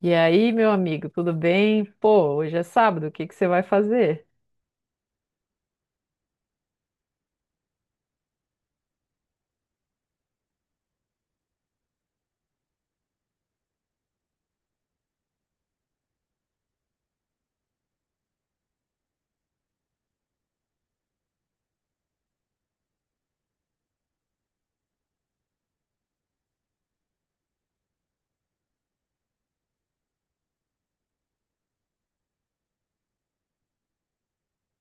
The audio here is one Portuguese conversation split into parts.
E aí, meu amigo, tudo bem? Pô, hoje é sábado, o que que você vai fazer?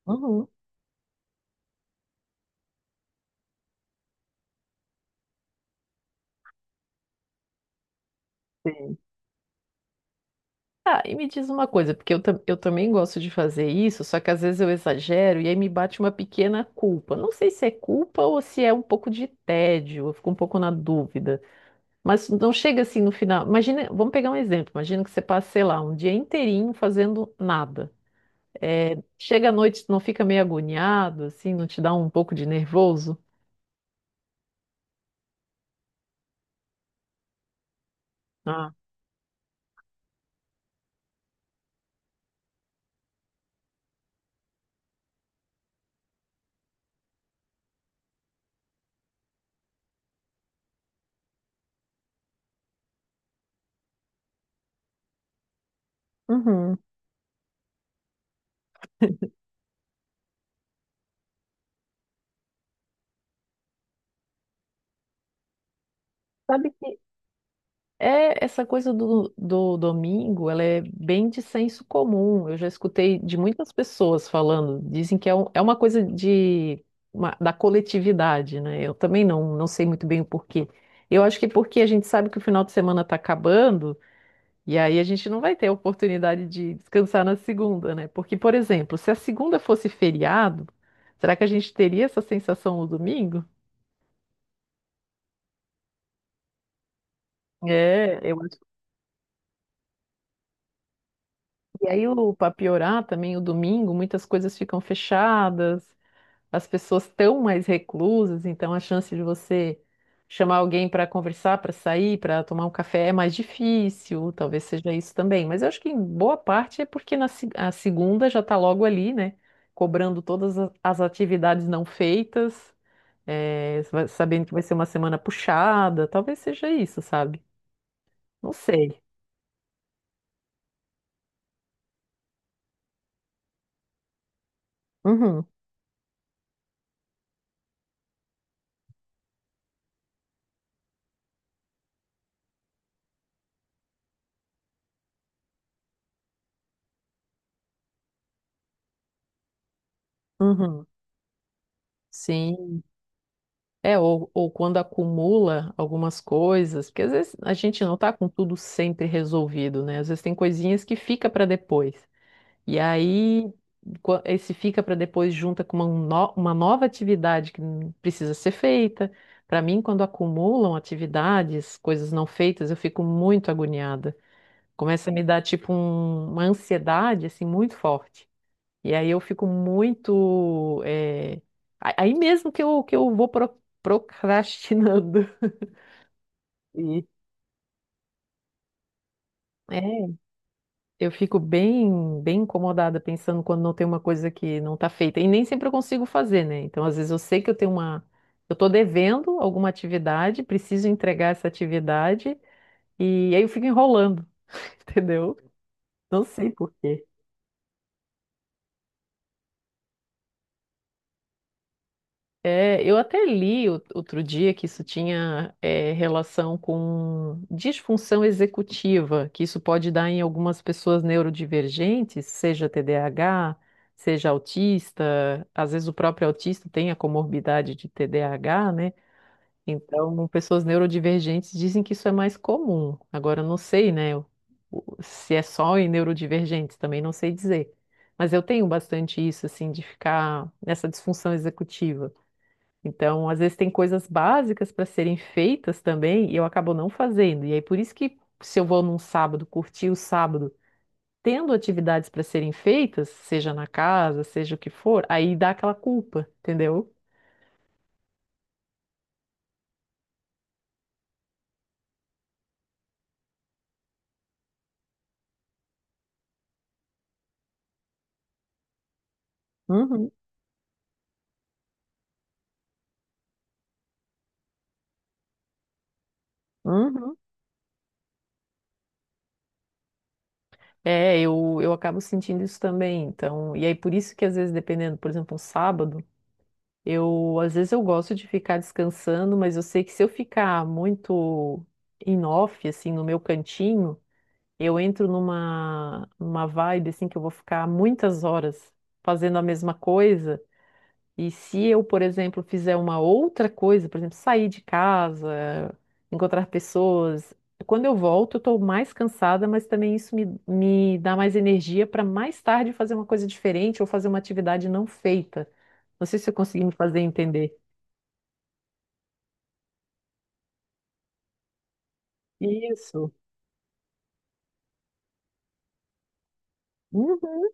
Uhum, sim. Ah, e me diz uma coisa, porque eu também gosto de fazer isso, só que às vezes eu exagero e aí me bate uma pequena culpa. Não sei se é culpa ou se é um pouco de tédio, eu fico um pouco na dúvida. Mas não chega assim no final. Imagina, vamos pegar um exemplo. Imagina que você passa, sei lá, um dia inteirinho fazendo nada. É, chega à noite, não fica meio agoniado, assim, não te dá um pouco de nervoso? Ah, uhum. Sabe que é, essa coisa do domingo, ela é bem de senso comum. Eu já escutei de muitas pessoas falando, dizem que é, é uma coisa de, da coletividade, né? Eu também não sei muito bem o porquê. Eu acho que é porque a gente sabe que o final de semana está acabando, e aí a gente não vai ter a oportunidade de descansar na segunda, né? Porque, por exemplo, se a segunda fosse feriado, será que a gente teria essa sensação no domingo? É, eu. E aí, para piorar também, o domingo, muitas coisas ficam fechadas, as pessoas estão mais reclusas, então a chance de você chamar alguém para conversar, para sair, para tomar um café é mais difícil, talvez seja isso também. Mas eu acho que em boa parte é porque na, se- a segunda já está logo ali, né? Cobrando as atividades não feitas, sabendo que vai ser uma semana puxada, talvez seja isso, sabe? Não sei. Uhum, uhum. Sim. É, ou quando acumula algumas coisas, porque às vezes a gente não tá com tudo sempre resolvido, né? Às vezes tem coisinhas que fica para depois. E aí, esse fica para depois junta com uma, no- uma nova atividade que precisa ser feita. Para mim, quando acumulam atividades, coisas não feitas, eu fico muito agoniada. Começa a me dar, tipo, uma ansiedade, assim, muito forte. E aí eu fico muito. Aí mesmo que eu vou procrastinando. E é, eu fico bem, bem incomodada pensando quando não tem uma coisa que não está feita. E nem sempre eu consigo fazer, né? Então, às vezes eu sei que eu tenho uma. Eu estou devendo alguma atividade, preciso entregar essa atividade, e aí eu fico enrolando, entendeu? Não sei por quê. É, eu até li outro dia que isso tinha é, relação com disfunção executiva, que isso pode dar em algumas pessoas neurodivergentes, seja TDAH, seja autista, às vezes o próprio autista tem a comorbidade de TDAH, né? Então, pessoas neurodivergentes dizem que isso é mais comum. Agora, eu não sei, né, se é só em neurodivergentes, também não sei dizer. Mas eu tenho bastante isso, assim, de ficar nessa disfunção executiva. Então, às vezes tem coisas básicas para serem feitas também e eu acabo não fazendo. E aí, por isso que se eu vou num sábado, curtir o sábado, tendo atividades para serem feitas, seja na casa, seja o que for, aí dá aquela culpa, entendeu? Uhum, uhum. É, eu acabo sentindo isso também. Então, e aí por isso que às vezes, dependendo, por exemplo, um sábado, eu às vezes eu gosto de ficar descansando, mas eu sei que se eu ficar muito em off, assim, no meu cantinho. Eu entro numa vibe assim que eu vou ficar muitas horas fazendo a mesma coisa. E se eu, por exemplo, fizer uma outra coisa, por exemplo, sair de casa, encontrar pessoas, quando eu volto, eu estou mais cansada, mas também isso me dá mais energia para mais tarde fazer uma coisa diferente ou fazer uma atividade não feita. Não sei se eu consegui me fazer entender. Isso. Uhum.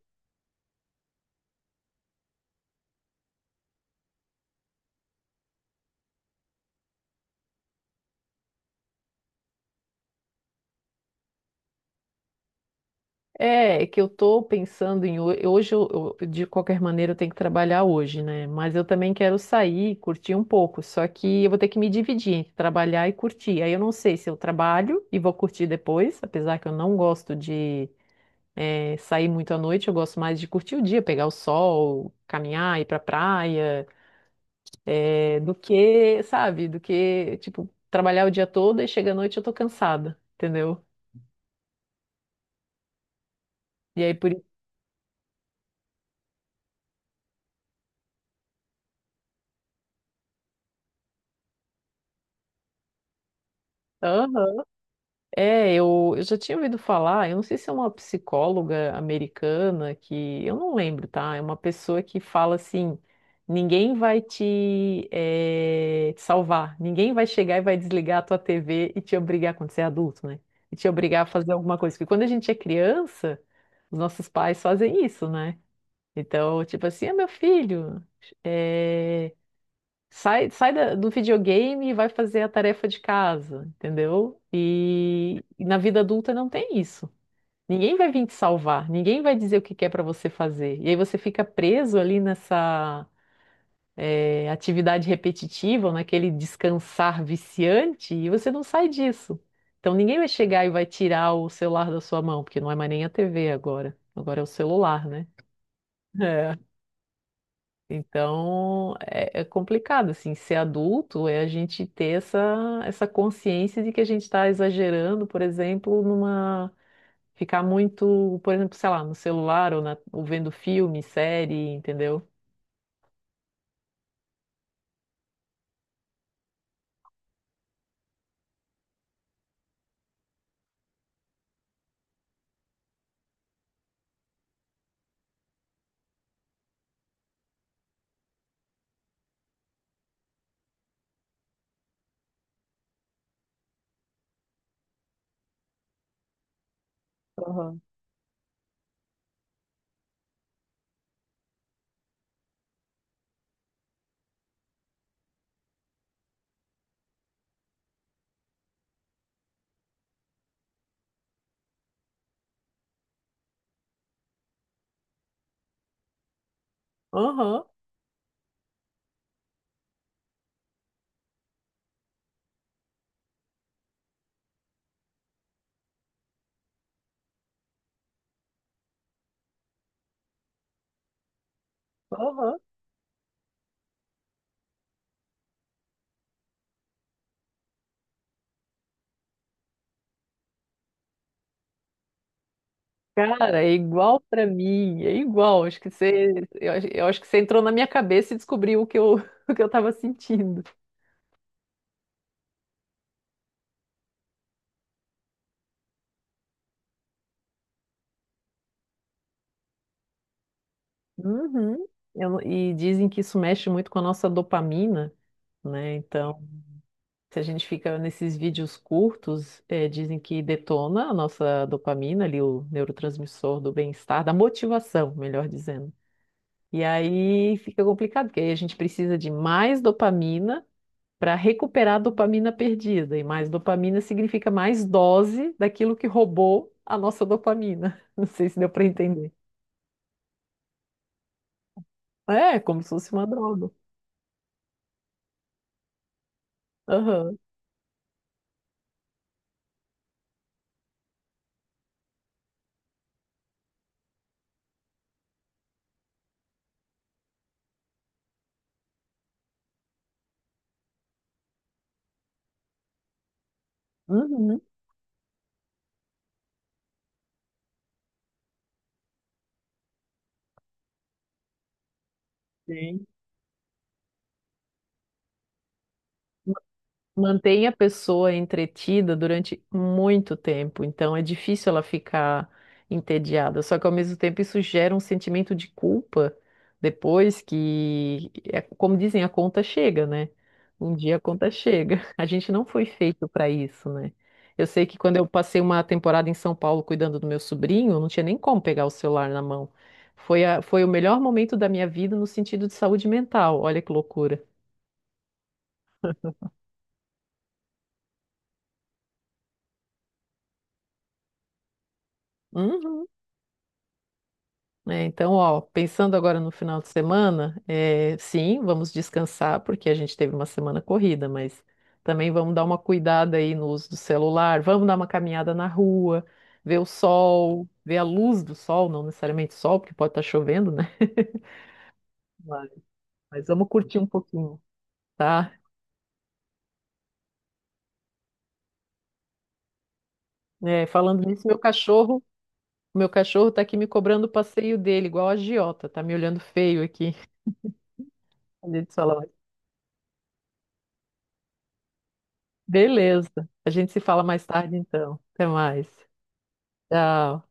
É, é que eu tô pensando em hoje, de qualquer maneira, eu tenho que trabalhar hoje, né? Mas eu também quero sair, curtir um pouco. Só que eu vou ter que me dividir entre trabalhar e curtir. Aí eu não sei se eu trabalho e vou curtir depois, apesar que eu não gosto de sair muito à noite, eu gosto mais de curtir o dia, pegar o sol, caminhar, ir pra praia, do que, sabe, do que, tipo, trabalhar o dia todo e chega à noite eu tô cansada, entendeu? E aí por isso. É, eu já tinha ouvido falar, eu não sei se é uma psicóloga americana que, eu não lembro, tá? É uma pessoa que fala assim, ninguém vai te salvar, ninguém vai chegar e vai desligar a tua TV e te obrigar, quando você é adulto, né? E te obrigar a fazer alguma coisa. Porque quando a gente é criança, os nossos pais fazem isso, né? Então, tipo assim, ah, meu filho, eh, sai do videogame e vai fazer a tarefa de casa, entendeu? E na vida adulta não tem isso. Ninguém vai vir te salvar, ninguém vai dizer o que que é para você fazer. E aí você fica preso ali nessa é, atividade repetitiva, ou naquele descansar viciante, e você não sai disso. Então ninguém vai chegar e vai tirar o celular da sua mão, porque não é mais nem a TV agora. Agora é o celular, né? É. Então, é, é complicado, assim, ser adulto é a gente ter essa, essa consciência de que a gente está exagerando, por exemplo, numa... Ficar muito, por exemplo, sei lá, no celular ou, ou vendo filme, série, entendeu? Aham, aham, aham. Cara, é igual pra mim, é igual. Acho que você, eu acho que você entrou na minha cabeça e descobriu o que eu, o que eu tava sentindo. Uhum. Eu não. E dizem que isso mexe muito com a nossa dopamina, né? Então, se a gente fica nesses vídeos curtos, dizem que detona a nossa dopamina, ali o neurotransmissor do bem-estar, da motivação, melhor dizendo. E aí fica complicado, porque aí a gente precisa de mais dopamina para recuperar a dopamina perdida. E mais dopamina significa mais dose daquilo que roubou a nossa dopamina. Não sei se deu para entender. É, como se fosse uma droga. Aham. Uhum. Sim. Mantém a pessoa entretida durante muito tempo, então é difícil ela ficar entediada. Só que ao mesmo tempo isso gera um sentimento de culpa depois que, é como dizem, a conta chega, né? Um dia a conta chega. A gente não foi feito para isso, né? Eu sei que quando eu passei uma temporada em São Paulo cuidando do meu sobrinho, eu não tinha nem como pegar o celular na mão. Foi o melhor momento da minha vida no sentido de saúde mental. Olha que loucura. Uhum. Né? Então, ó, pensando agora no final de semana, é, sim, vamos descansar, porque a gente teve uma semana corrida, mas também vamos dar uma cuidada aí no uso do celular, vamos dar uma caminhada na rua, ver o sol, ver a luz do sol, não necessariamente sol, porque pode estar chovendo, né? Mas mas vamos curtir um pouquinho, tá? É, falando nisso, meu cachorro tá aqui me cobrando o passeio dele, igual a agiota, tá me olhando feio aqui. Olhei de celular. Beleza. A gente se fala mais tarde, então. Até mais. Tchau.